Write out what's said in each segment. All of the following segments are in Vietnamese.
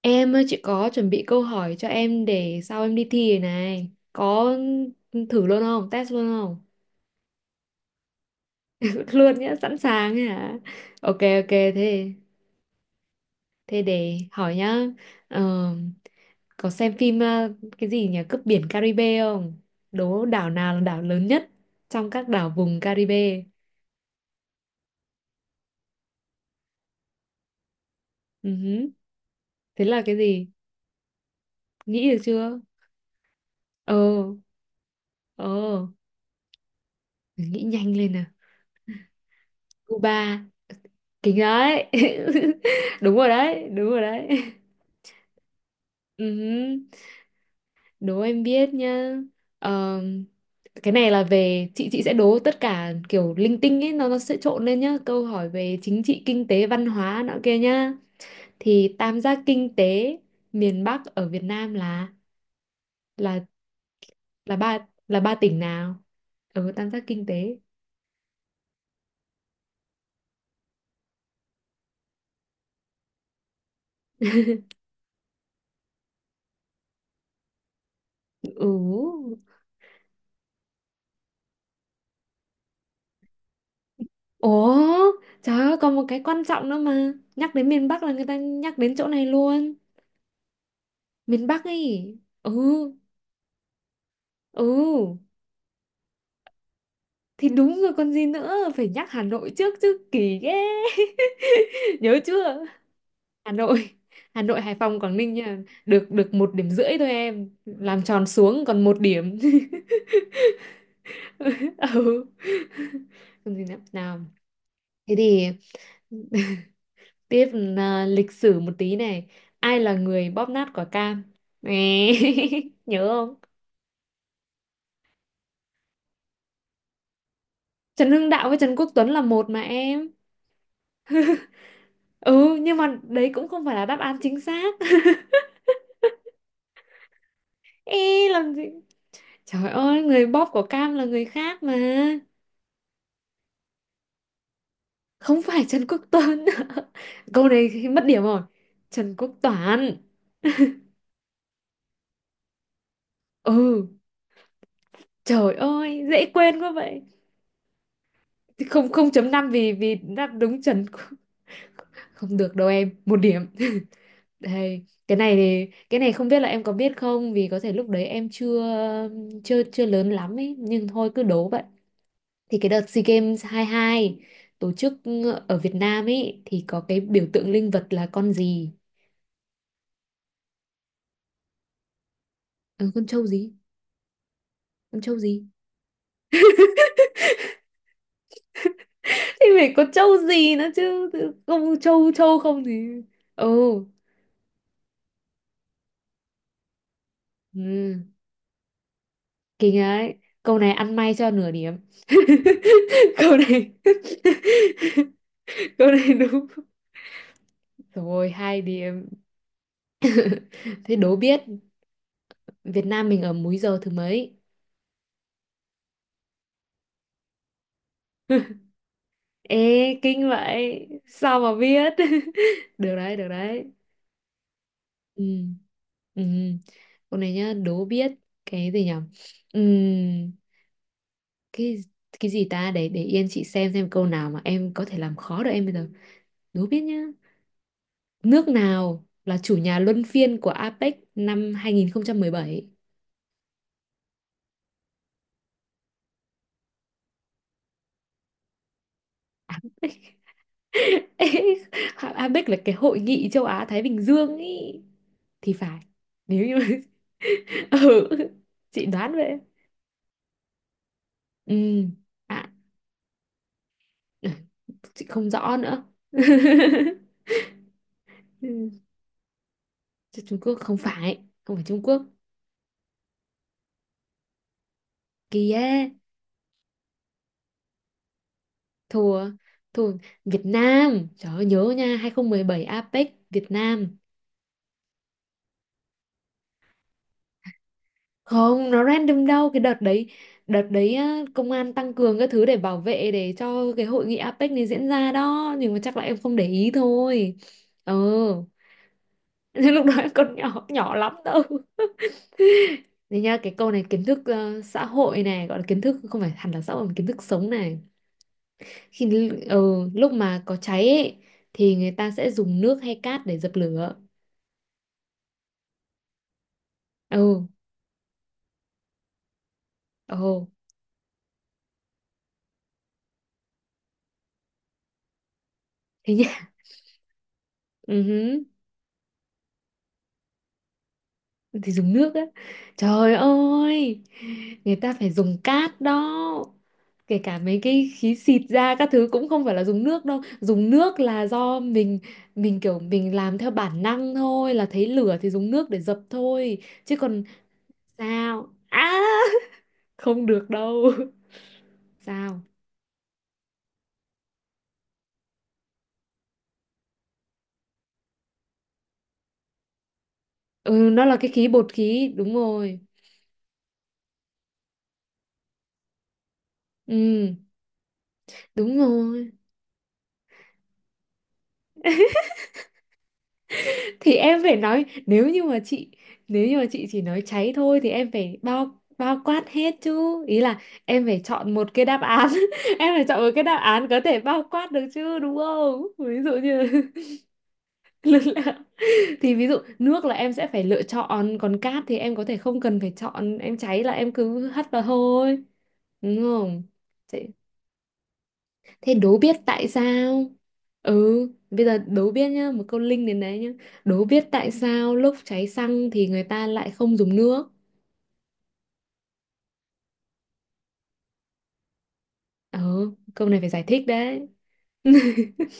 Em ơi, chị có chuẩn bị câu hỏi cho em để sau em đi thi rồi này. Có thử luôn không? Test luôn không? luôn nhá, sẵn sàng ấy hả? Ok ok thế thế để hỏi nhá. Ờ, có xem phim cái gì nhỉ? Cướp biển Caribe không? Đố đảo nào là đảo lớn nhất trong các đảo vùng Caribe? Ừ hứ. Thế là cái gì? Nghĩ được chưa? Ờ, ờ, nghĩ nhanh lên nào. Cuba, kính đấy. đúng rồi đấy, đúng rồi đấy. Ừ, đố em biết nhá. Ờ, cái này là về chị sẽ đố tất cả kiểu linh tinh ấy, nó sẽ trộn lên nhá. Câu hỏi về chính trị, kinh tế, văn hóa nọ kia nhá. Thì tam giác kinh tế miền Bắc ở Việt Nam là là ba tỉnh nào? Ừ, tam giác kinh tế. Ừ. Ủa, trời ơi, còn một cái quan trọng nữa mà. Nhắc đến miền Bắc là người ta nhắc đến chỗ này luôn. Miền Bắc ấy. Ừ, ừ. Thì đúng rồi còn gì nữa, phải nhắc Hà Nội trước chứ kỳ ghê. Nhớ chưa? Hà Nội, Hà Nội, Hải Phòng, Quảng Ninh nha. Được được 1,5 điểm thôi em. Làm tròn xuống còn 1 điểm. Ừ. Còn gì nữa? Nào. Thế thì tiếp là lịch sử một tí này. Ai là người bóp nát quả cam? Nè. Nhớ không? Trần Hưng Đạo với Trần Quốc Tuấn là một mà em. Ừ, nhưng mà đấy cũng không phải là đáp án chính xác. Ê, làm gì? Trời ơi, người bóp của Cam là người khác mà. Không phải Trần Quốc Tuấn. Câu này mất điểm rồi. Trần Quốc Toản. Ừ, trời ơi, dễ quên quá vậy. Không, 0,5 vì vì đáp đúng Trần Quốc- Không được đâu em, 1 điểm. Đây, cái này thì cái này không biết là em có biết không, vì có thể lúc đấy em chưa chưa chưa lớn lắm ấy, nhưng thôi cứ đố vậy. Thì cái đợt SEA Games 22 tổ chức ở Việt Nam ấy thì có cái biểu tượng linh vật là con gì? Ừ, con trâu gì? Thì phải có trâu gì nữa chứ, tự- không trâu trâu không thì. Ừ, ừ. Kinh ấy, câu này ăn may cho nửa điểm. Câu này câu này đúng rồi, 2 điểm. Thế đố biết Việt Nam mình ở múi giờ thứ mấy. Ê, kinh vậy sao mà biết. Được đấy, được đấy. Ừ, ừ, câu này nhá, đố biết. Cái gì nhỉ? Ừ, cái cái gì ta, để yên chị xem câu nào mà em có thể làm khó được em bây giờ. Đố biết nhá. Nước nào là chủ nhà luân phiên của APEC năm 2017? APEC là cái hội nghị châu Á Thái Bình Dương ý, thì phải. Nếu như mà- ừ, chị đoán vậy. Ừ, à, ừ, chị không rõ nữa. Ừ, chứ Trung Quốc không phải Trung Quốc kìa. Thua, thua. Việt Nam, trời ơi, nhớ nha, 2017 APEC Việt Nam. Không, nó random đâu, cái đợt đấy á, công an tăng cường các thứ để bảo vệ để cho cái hội nghị APEC này diễn ra đó, nhưng mà chắc là em không để ý thôi. Ờ. Nhưng lúc đó em còn nhỏ nhỏ lắm đâu. Thế nha, cái câu này kiến thức xã hội này, gọi là kiến thức không phải hẳn là xã hội mà kiến thức sống này. Khi l- ờ, lúc mà có cháy ấy, thì người ta sẽ dùng nước hay cát để dập lửa. Ừ, ồ, thế nhá. Ừ hứ, thì dùng nước á, trời ơi, người ta phải dùng cát đó, kể cả mấy cái khí xịt ra các thứ cũng không phải là dùng nước đâu, dùng nước là do mình kiểu mình làm theo bản năng thôi là thấy lửa thì dùng nước để dập thôi, chứ còn, sao à, không được đâu. Sao. Ừ, nó là cái khí bột khí, đúng rồi. Ừ, đúng rồi, thì em phải nói, nếu như mà chị chỉ nói cháy thôi thì em phải bao bao quát hết chứ, ý là em phải chọn một cái đáp án. Em phải chọn một cái đáp án có thể bao quát được chứ, đúng không, ví dụ như nước là- thì ví dụ nước là em sẽ phải lựa chọn, còn cát thì em có thể không cần phải chọn, em cháy là em cứ hất vào thôi, đúng không. Thế đố biết tại sao? Ừ, bây giờ đố biết nhá, một câu link đến đấy nhá. Đố biết tại sao lúc cháy xăng thì người ta lại không dùng nước? ờ câu này phải giải thích đấy.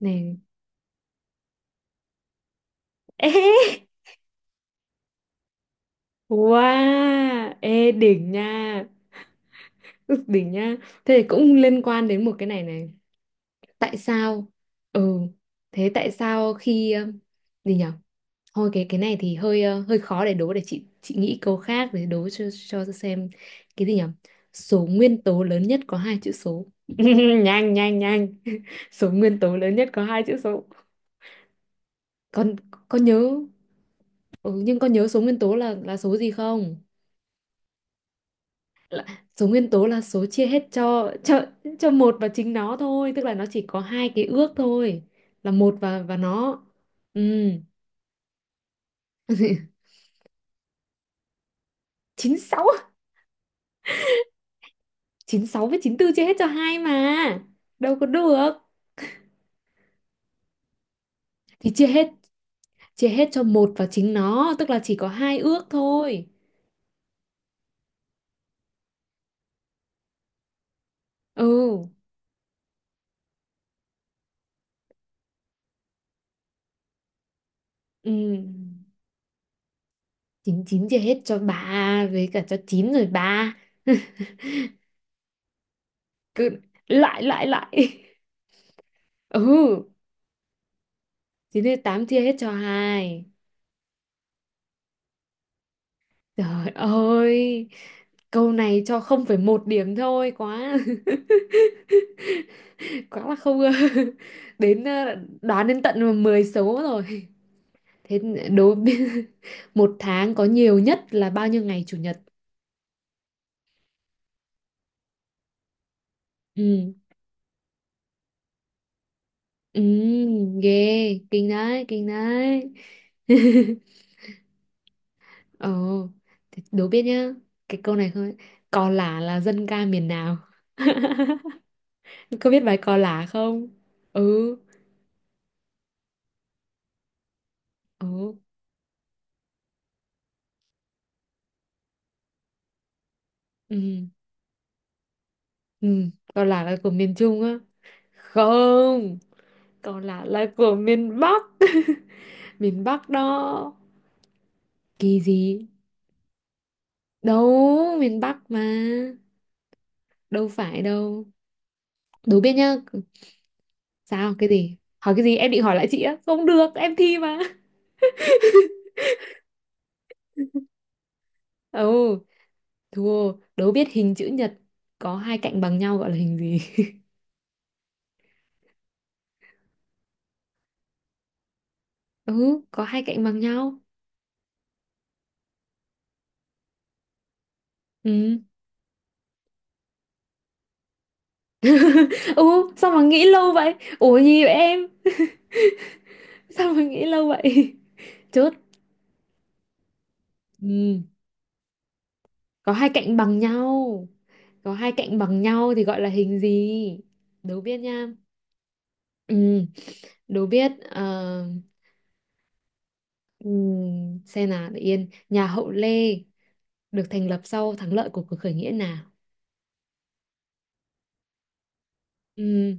Này. Ê, wow, ê đỉnh nha. Ức, đỉnh nha. Thế thì cũng liên quan đến một cái này này. Tại sao? Ừ, thế tại sao khi gì nhỉ? Thôi, cái này thì hơi khó để đố, để chị nghĩ câu khác để đố cho xem cái gì nhỉ? Số nguyên tố lớn nhất có hai chữ số. Nhanh nhanh nhanh. Số nguyên tố lớn nhất có hai chữ số. Con con nhớ. Ừ, nhưng con nhớ số nguyên tố là số gì không? Là, số nguyên tố là số chia hết cho một và chính nó thôi, tức là nó chỉ có hai cái ước thôi, là một và nó. Ừ, chín sáu chín sáu với 94 chia hết cho hai mà. Đâu có được. Thì chia hết cho một và chính nó, tức là chỉ có hai ước thôi. Ừ, ừ, 99 chia hết cho bà với cả cho chín rồi ba. Cứ lại lại lại. Ừ, chín hết tám chia hết cho hai. Trời ơi, câu này cho không phải một điểm thôi quá. Quá là không. Đến đoán đến tận 10 số rồi. Thế đối với- một tháng có nhiều nhất là bao nhiêu ngày chủ nhật. Ừ, ừ, ghê, kinh đấy, kinh đấy. Ồ, thế đố biết nhá, cái câu này không. Cò lả là dân ca miền nào? Có biết bài cò lả không? Ừ, ừ, ừ, ừ, cò lả là của miền Trung á? Không, cò lả là của miền Bắc. Miền Bắc đó. Kỳ gì, đâu miền Bắc mà, đâu phải đâu. Đố biết nhá. Sao, cái gì hỏi cái gì? Em định hỏi lại chị á, không được em thi mà. Ừ, thua. Đố biết hình chữ nhật có hai cạnh bằng nhau gọi là hình gì? Ừ, có hai cạnh bằng nhau. Ừ, ừ, sao mà nghĩ lâu vậy, ủa gì vậy em, sao mà nghĩ lâu vậy? Chốt. Ừ, có hai cạnh bằng nhau có hai cạnh bằng nhau thì gọi là hình gì? Đố biết nha. Ừ, đố biết ừ, xem nào, để yên. Nhà Hậu Lê được thành lập sau thắng lợi của cuộc khởi nghĩa nào? Ừm.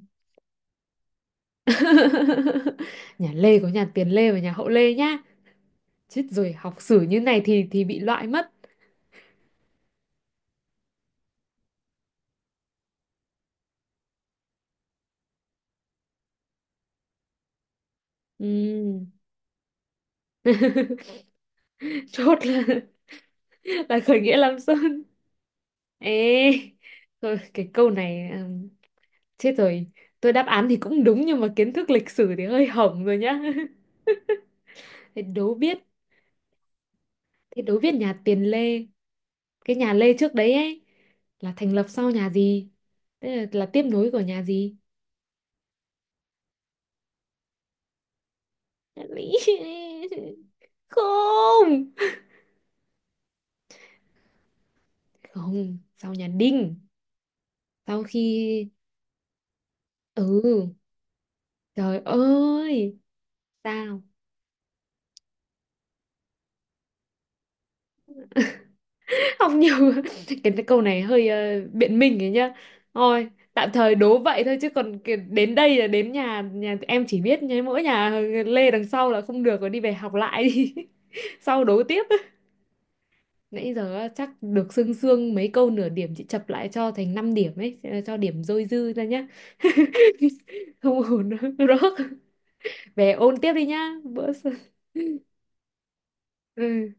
Nhà Lê có nhà Tiền Lê và nhà Hậu Lê nhá. Chết rồi, học sử như này thì bị loại mất. Ừm. Chốt là khởi nghĩa Lam Sơn. Ê, thôi cái câu này, Chết rồi, tôi đáp án thì cũng đúng nhưng mà kiến thức lịch sử thì hơi hỏng rồi nhá. Thế đố biết, nhà Tiền Lê, cái nhà Lê trước đấy ấy, là thành lập sau nhà gì, tức là tiếp nối của nhà gì? Không, không, sau nhà Đinh, sau khi, ừ, trời ơi. Sao? Học nhiều. Cái câu này hơi biện minh ấy nhá. Thôi, tạm thời đố vậy thôi chứ, còn cái- đến đây là đến nhà, nhà em chỉ biết nhà mỗi nhà Lê đằng sau là không được rồi, đi về học lại đi. Sau đố tiếp. Nãy giờ á, chắc được sương sương mấy câu nửa điểm, chị chập lại cho thành 5 điểm ấy, cho điểm dôi dư ra nhá. Không ổn nữa. Rớt. Về ôn tiếp đi nhá. Bữa sau- ừ.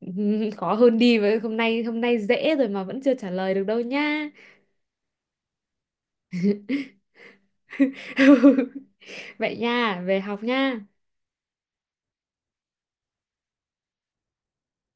Ừ, khó hơn đi với hôm nay, dễ rồi mà vẫn chưa trả lời được đâu nha. Vậy nha, về học nha.